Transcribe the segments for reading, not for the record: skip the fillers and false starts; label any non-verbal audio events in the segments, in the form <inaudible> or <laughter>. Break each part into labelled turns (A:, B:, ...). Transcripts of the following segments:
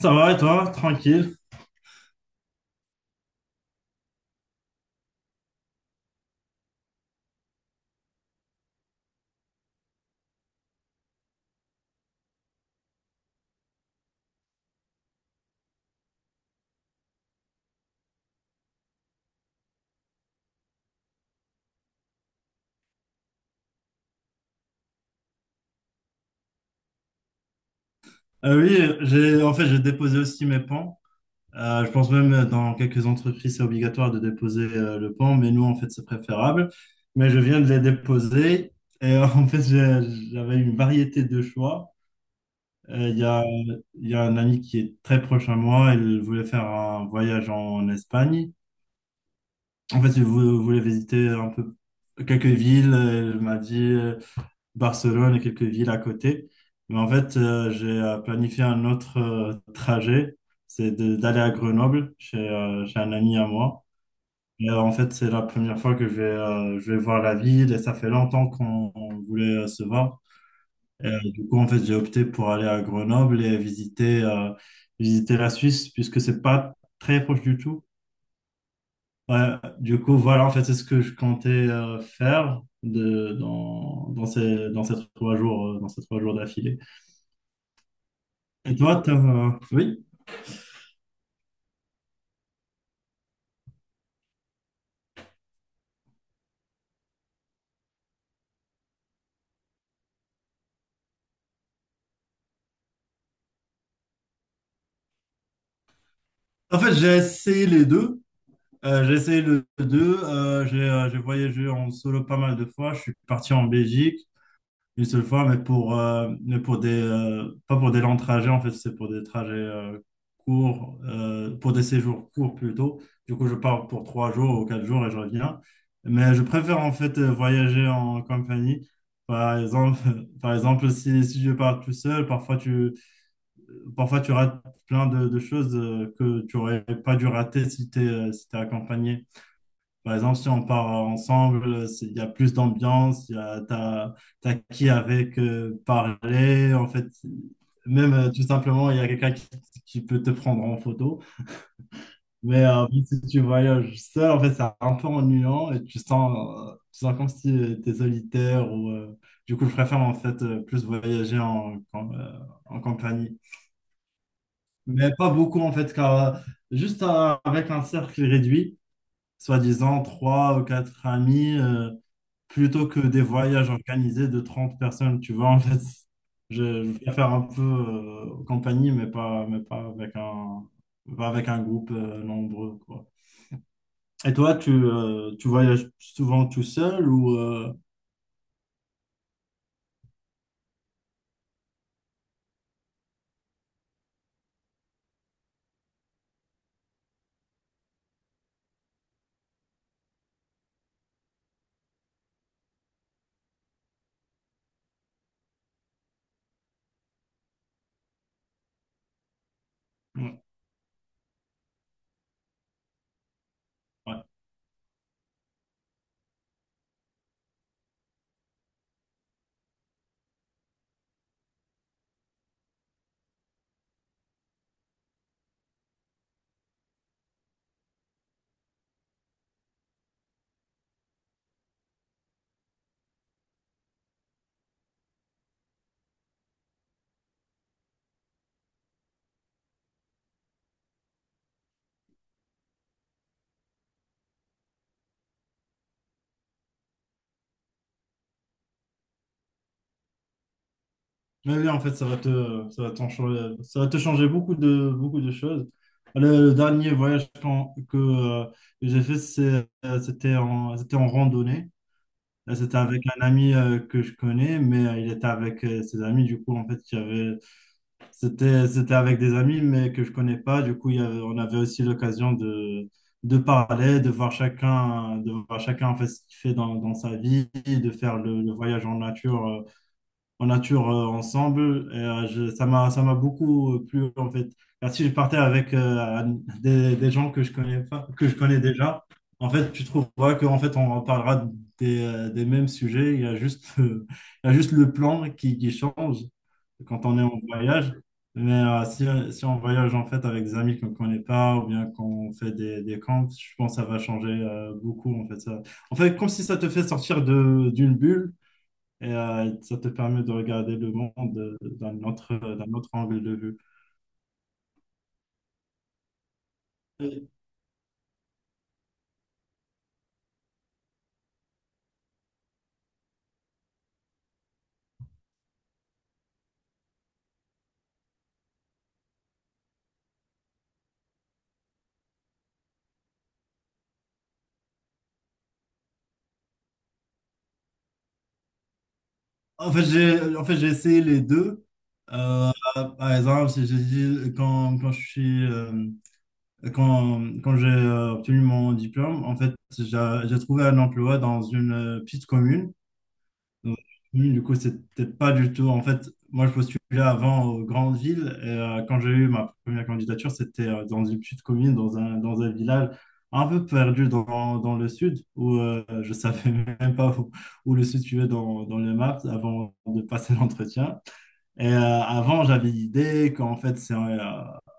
A: Ça va et toi? Tranquille. Euh, oui, j'ai en fait j'ai déposé aussi mes pans. Je pense même dans quelques entreprises c'est obligatoire de déposer le pan, mais nous en fait c'est préférable. Mais je viens de les déposer et <laughs> en fait j'avais une variété de choix. Euh, Il y a, il y a un ami qui est très proche à moi, il voulait faire un voyage en Espagne. En fait, il voulait visiter un peu quelques villes. Il m'a dit: Barcelone et quelques villes à côté. Mais en fait, j'ai planifié un autre trajet, c'est d'aller à Grenoble chez un ami à moi. Et, en fait, c'est la première fois que je vais voir la ville et ça fait longtemps qu'on on voulait se voir. Et, du coup, en fait, j'ai opté pour aller à Grenoble et visiter la Suisse puisque c'est pas très proche du tout. Ouais, du coup, voilà, en fait, c'est ce que je comptais faire de, dans, dans ces 3 jours, d'affilée. Et toi, t'as... Oui. En fait, j'ai essayé les deux. J'ai essayé les deux. J'ai voyagé en solo pas mal de fois. Je suis parti en Belgique une seule fois, mais pas pour des longs trajets, en fait, c'est pour des trajets courts, pour des séjours courts plutôt. Du coup, je pars pour 3 jours ou 4 jours et je reviens. Mais je préfère en fait voyager en compagnie. Par exemple, <laughs> par exemple si je pars tout seul, parfois tu... Parfois, tu rates plein de choses que tu aurais pas dû rater si tu es, accompagné. Par exemple, si on part ensemble, il y a plus d'ambiance, il y a, t'as qui avec parler. En fait, même tout simplement, il y a quelqu'un qui peut te prendre en photo. Mais si tu voyages seul, en fait, c'est un peu ennuyant et tu sens comme si tu es solitaire. Ou, du coup, je préfère en fait plus voyager en compagnie. Mais pas beaucoup en fait, car avec un cercle réduit, soi-disant 3 ou 4 amis, plutôt que des voyages organisés de 30 personnes, tu vois, en fait, je préfère un peu compagnie, mais pas avec un, pas avec un groupe nombreux, quoi. Et toi, tu voyages souvent tout seul ou... Ouais. Mais oui, en fait, ça va te, ça va t'en changer, ça va te changer beaucoup de choses. Le dernier voyage que j'ai fait, c'était en randonnée. Là, c'était avec un ami que je connais, mais il était avec ses amis. Du coup, en fait, il y avait, c'était, c'était avec des amis, mais que je connais pas. Du coup, on avait aussi l'occasion de parler, de voir chacun en fait, ce qu'il fait dans sa vie, de faire le voyage en nature, ensemble. Et, ça m'a beaucoup plu en fait. Car si je partais avec des gens que je connais pas, que je connais déjà, en fait, tu trouveras qu'en fait, on reparlera des mêmes sujets. Il y a juste, <laughs> il y a juste le plan qui change quand on est en voyage. Mais si on voyage en fait avec des amis qu'on ne connaît pas ou bien qu'on fait des camps, je pense que ça va changer beaucoup en fait ça. En fait, comme si ça te fait sortir de d'une bulle et ça te permet de regarder le monde d'un autre angle de vue. Euh, En fait, j'ai essayé les deux. Euh, par exemple, si j'ai dit quand, quand je suis quand, quand j'ai obtenu mon diplôme, en fait, j'ai j'ai trouvé un emploi dans une petite commune. Donc, oui, du coup, c'est peut-être pas du tout. En fait, moi, je postulais avant aux grandes villes. Et, quand j'ai eu ma première candidature, c'était dans une petite commune, dans un village un peu perdu dans le sud, où je savais <laughs> même pas où le sud suivait dans les maps avant de passer <laughs> l'entretien. Et avant, j'avais l'idée qu'en fait, c'est euh,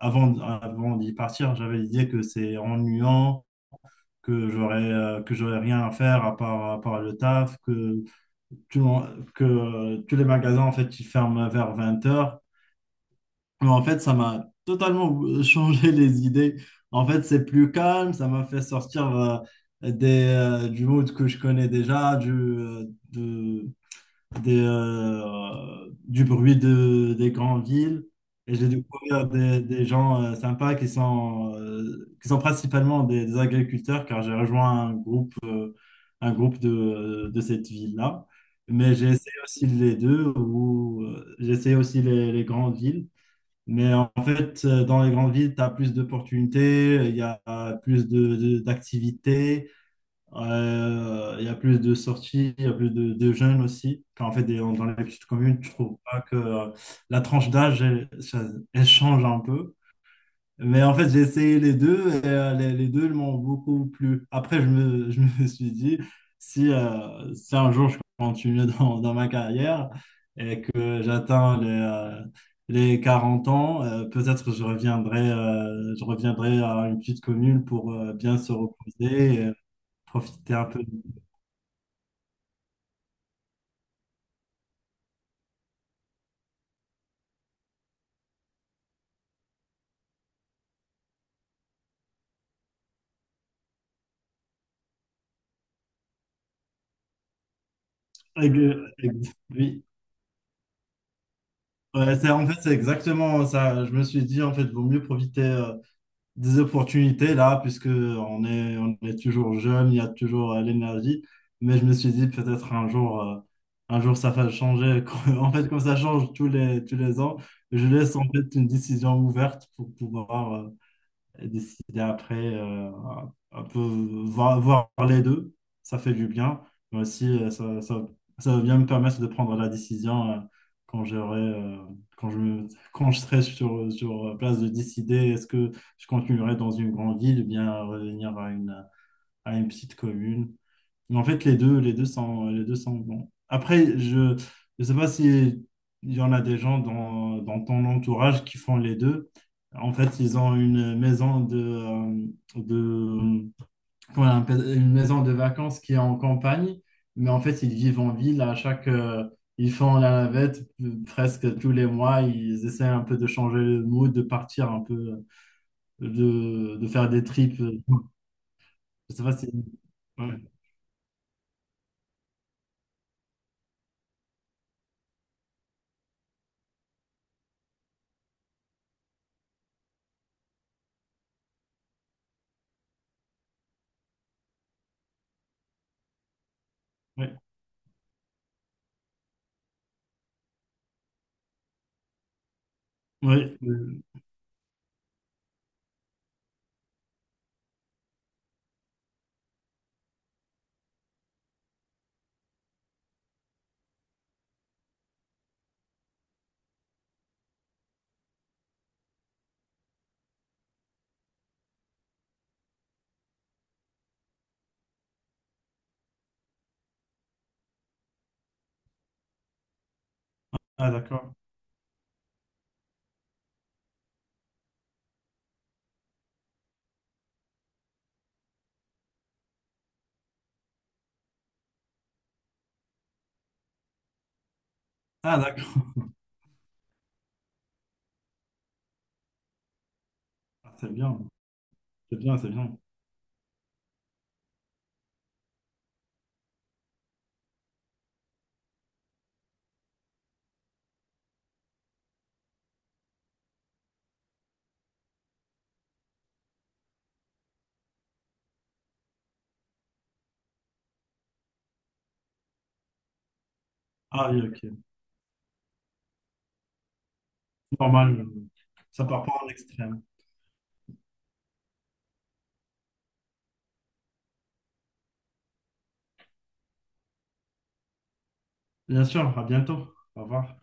A: avant, avant d'y partir, j'avais l'idée que c'est ennuyant, que j'aurais rien à faire à part le taf, tu m'en- que tous les magasins en fait ils ferment vers 20 heures. Mais en fait, ça m'a totalement <laughs> changé les idées. En fait, c'est plus calme, ça m'a fait sortir du mood que je connais déjà, de- du bruit des grandes villes. Et j'ai découvert des gens sympas qui sont principalement des agriculteurs, car j'ai rejoint un groupe de cette ville-là. Mais j'ai essayé aussi les deux, ou j'ai essayé aussi les grandes villes. Mais en fait, dans les grandes villes, tu as plus d'opportunités, il y a plus d'activités, il y a plus de sorties, il y a plus de jeunes aussi. Quand, en fait, dans les petites communes, je trouve pas que la tranche d'âge, elle, elle change un peu. Mais en fait, j'ai essayé les deux et les deux m'ont beaucoup plu. Après, <laughs> je me suis dit, si un jour je continue <laughs> dans ma carrière et que j'atteins les 40 ans, peut-être je reviendrai à une petite commune pour bien se reposer et profiter un peu. Oui, Ouais, en fait, c'est exactement ça. Je me suis dit, en fait, vaut mieux profiter des opportunités là, puisque on est toujours jeune, il y a toujours l'énergie. Mais je me suis dit peut-être un jour ça va changer. <laughs> En fait, comme ça change tous les ans, je laisse en fait une décision ouverte pour pouvoir et décider après un peu voir les deux. Ça fait du bien, mais aussi, ça va bien me permettre de prendre la décision quand j'aurai, quand je me, quand je serai sur place de décider est-ce que je continuerai dans une grande ville ou bien revenir à une petite commune. Mais en fait, les deux sont bons. Après, je ne sais pas si il y en a des gens dans ton entourage qui font les deux. En fait, ils ont une maison de comment on appelle- une maison de vacances qui est en campagne, mais en fait, ils vivent en ville. Ils font la navette presque tous les mois. Ils essaient un peu de changer le mood, de partir un peu, de faire des trips. Je sais pas si. Ouais, ouais, ouais, Ah, d'accord. Ah, d'accord. Ah, c'est bien. C'est bien, c'est bien. Ah oui, ok. Normal. Ça part pas en extrême. Bien sûr, à bientôt. Au revoir.